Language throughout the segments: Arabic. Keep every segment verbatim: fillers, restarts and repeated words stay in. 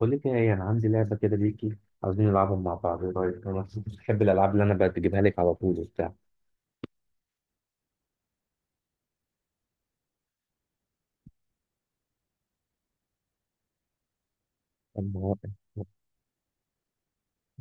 بقول لك ايه، انا عندي لعبه كده ليكي. عاوزين نلعبها مع بعض. إيه رايك؟ انا بحب الالعاب اللي انا بجيبها لك على طول وبتاع. أما-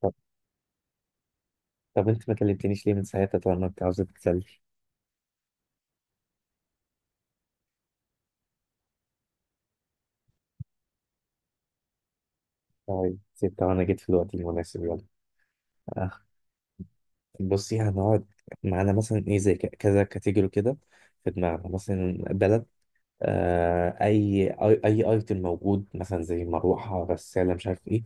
طب طب، انت ما كلمتنيش ليه من ساعتها؟ طبعا ما انت عاوزه تتسلي. طيب سبتها وانا جيت في الوقت المناسب، يلا. آه. بصي، هنقعد معانا مثلا ايه، زي ك- كذا كاتيجوري كده في دماغنا، مثلا بلد، آه اي اي اي ايتم موجود، مثلا زي مروحه، غساله، مش عارف إيه.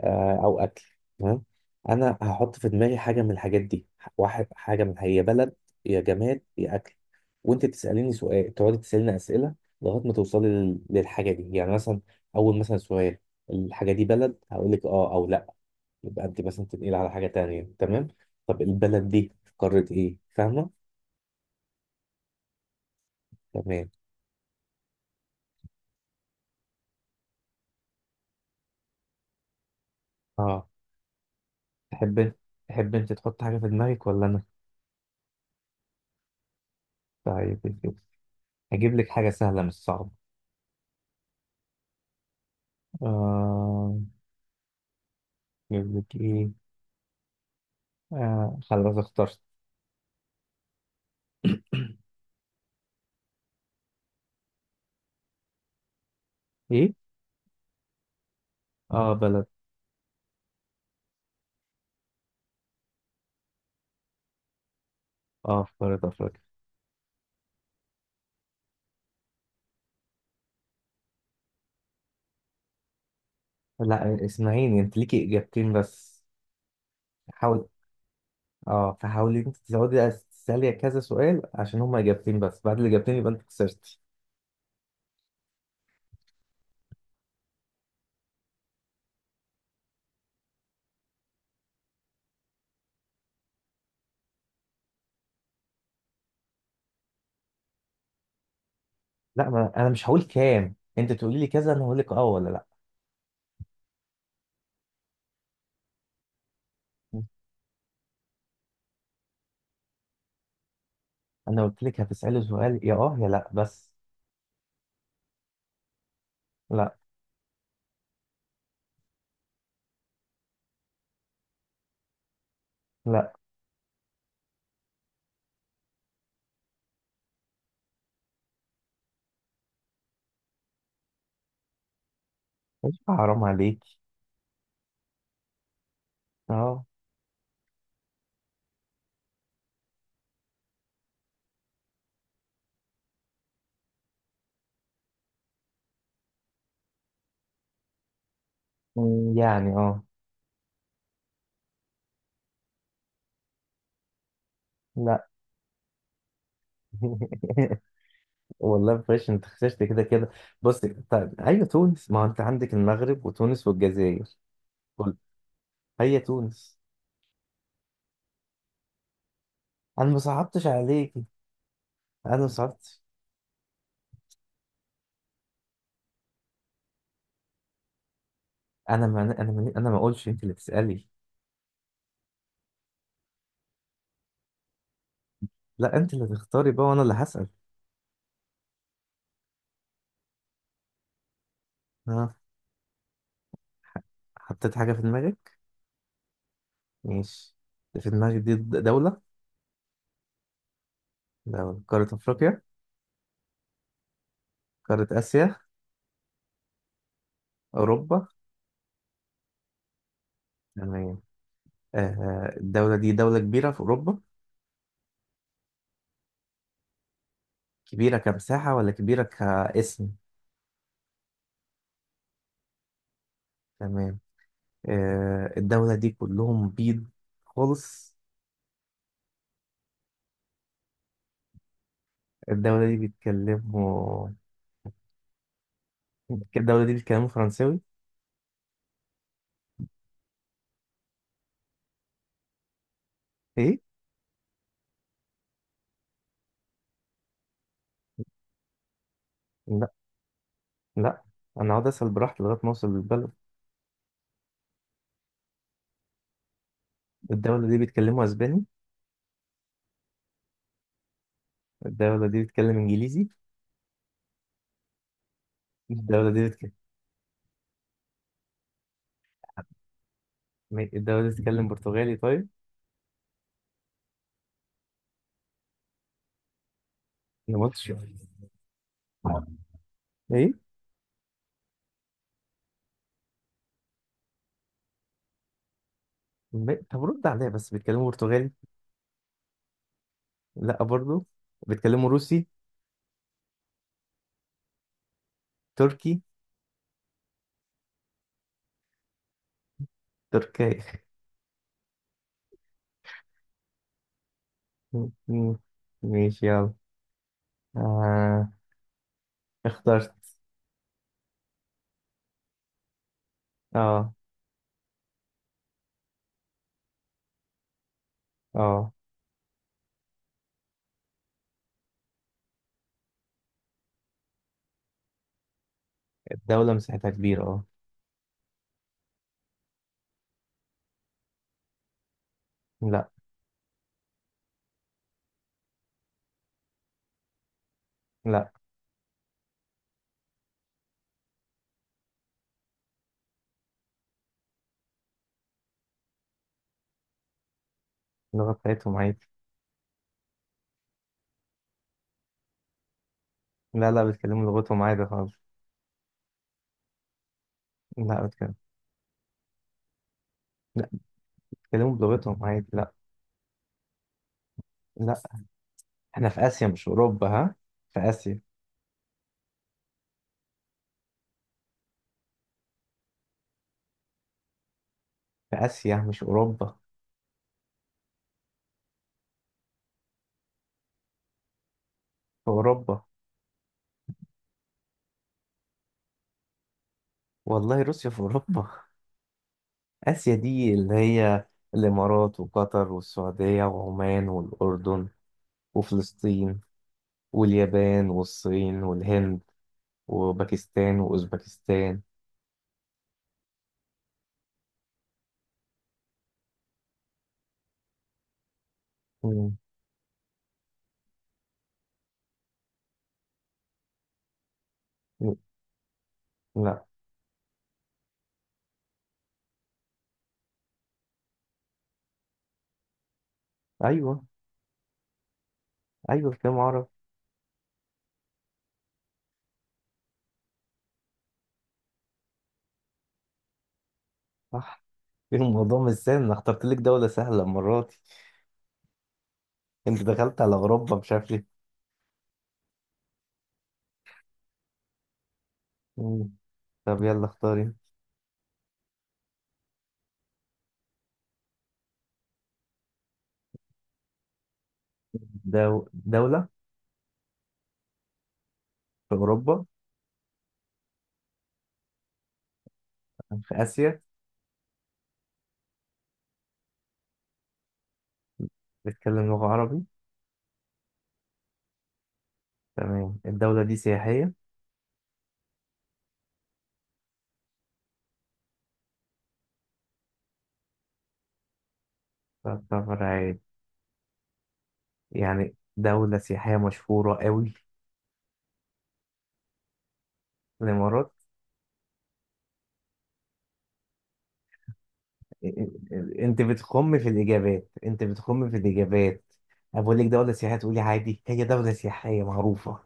آه، او اكل. تمام؟ انا هحط في دماغي حاجه من الحاجات دي، واحد حاجه من، هي بلد، يا جماد، يا اكل، وانت تساليني سؤال، تقعدي تساليني اسئله لغايه ما توصلي لل- للحاجه دي. يعني مثلا اول مثلا سؤال، الحاجه دي بلد، هقول لك اه او لا. يبقى انت مثلا تنقلي على حاجه تانية، تمام؟ طب البلد دي في قاره ايه، فاهمه؟ تمام. اه. تحب تحب انت تحط حاجه في دماغك ولا انا؟ طيب، هجيب لك حاجه سهله مش صعبه. آه... نجيب لك ايه. آه خلاص، اخترت. ايه؟ اه، بلد. اه، في قارة افريقيا. لا، اسمعيني، انت ليكي اجابتين بس. حاول. اه، فحاولي انت تزودي تسألي كذا سؤال، عشان هما اجابتين بس، بعد الاجابتين يبقى انت خسرتي. لا، ما انا مش هقول كام، انت تقولي لي كذا، انا هقول لك اه ولا لا. انا قلت لك هتسألي سؤال، يا اه يا لا بس. لا. لا. مش حرام عليك؟ اه. مم، يعني اه. لا. والله فريش، انت خسرت كده كده. بص. طيب هي تونس، ما هو انت عندك المغرب وتونس والجزائر. قول. هي تونس. انا ما صعبتش عليكي. انا ما صعبتش. انا ما انا ما انا ما اقولش، انت اللي تسالي. لا، انت اللي تختاري بقى وانا اللي هسال. ها. حطيت حاجه في دماغك؟ ماشي. في دماغك دي د- دوله؟ دوله قاره افريقيا؟ قاره اسيا؟ اوروبا؟ تمام. آه آه، الدوله دي دوله كبيره في اوروبا؟ كبيره كمساحه ولا كبيره كاسم؟ تمام. آه، الدولة دي كلهم بيض خالص؟ الدولة دي بيتكلموا، الدولة دي بيتكلموا فرنساوي؟ ايه؟ لا، لا، انا اقعد اسأل براحتي لغاية ما اوصل للبلد. الدولة دي بيتكلموا اسباني؟ الدولة دي بيتكلم انجليزي؟ الدولة دي بتك... الدولة دي بتتكلم برتغالي؟ طيب، أنا ما قلتش. ايه؟ م- طب رد عليا بس، بيتكلموا برتغالي؟ لا برضو. بيتكلموا روسي؟ تركي؟ تركي. ماشي، يلا. آه. اخترت. اه. اه. الدولة مساحتها كبيرة، اه. لا. لا. اللغة بتاعتهم عادي. لا، لا، بيتكلموا لغتهم عادي خالص. لا، بيتكلموا. لا، بيتكلموا بلغتهم عادي، لا. لا. احنا في آسيا مش أوروبا، ها. في آسيا. في آسيا مش أوروبا. في أوروبا. والله روسيا في أوروبا. آسيا دي اللي هي الإمارات وقطر والسعودية وعمان والأردن وفلسطين واليابان والصين والهند وباكستان وأوزبكستان. مم. لا. أيوه. أيوه، كلام عربي. صح. الموضوع مش سهل، انا اخترت لك دولة سهلة المرة دي. انت دخلت على اوروبا مش عارف ليه. مم. طب يلا اختاري. دو... دولة؟ في اوروبا؟ في اسيا؟ بتتكلم لغة عربي؟ تمام. الدولة دي سياحية؟ تعتبر عادي يعني؟ دولة سياحية مشهورة قوي؟ الامارات. إ- إ- انت بتخم في الاجابات، انت بتخم في الاجابات. أنا بقول لك دولة سياحية تقولي عادي، هي دولة سياحية معروفة.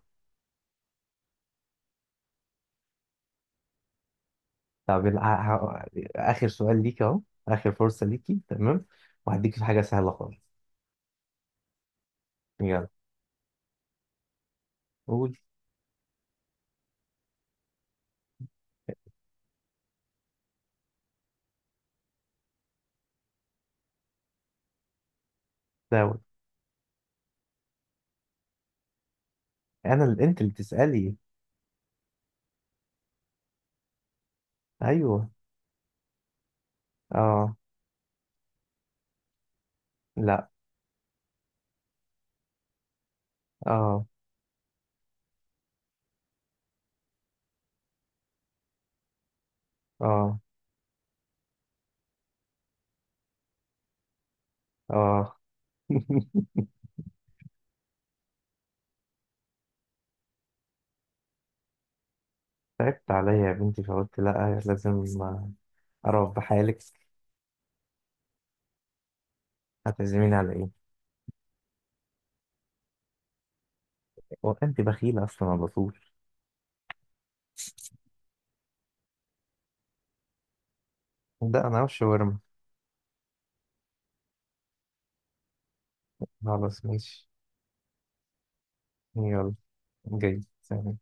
طب ال- ه- ه- آخر سؤال ليك أهو. آخر فرصة ليكي، تمام؟ وهديك في حاجة سهلة خالص. يلا. قول. داود. أنا اللي أنت اللي تسألي. أيوه. أه. لا. أه. أه. أه. تعبت عليا يا بنتي، فقلت لا، لازم أعرف بحالك. هتعزميني على إيه؟ هو أنت بخيلة أصلا على طول. ده أنا وش ورم. خلاص ماشي. يلا. جاي، سلام.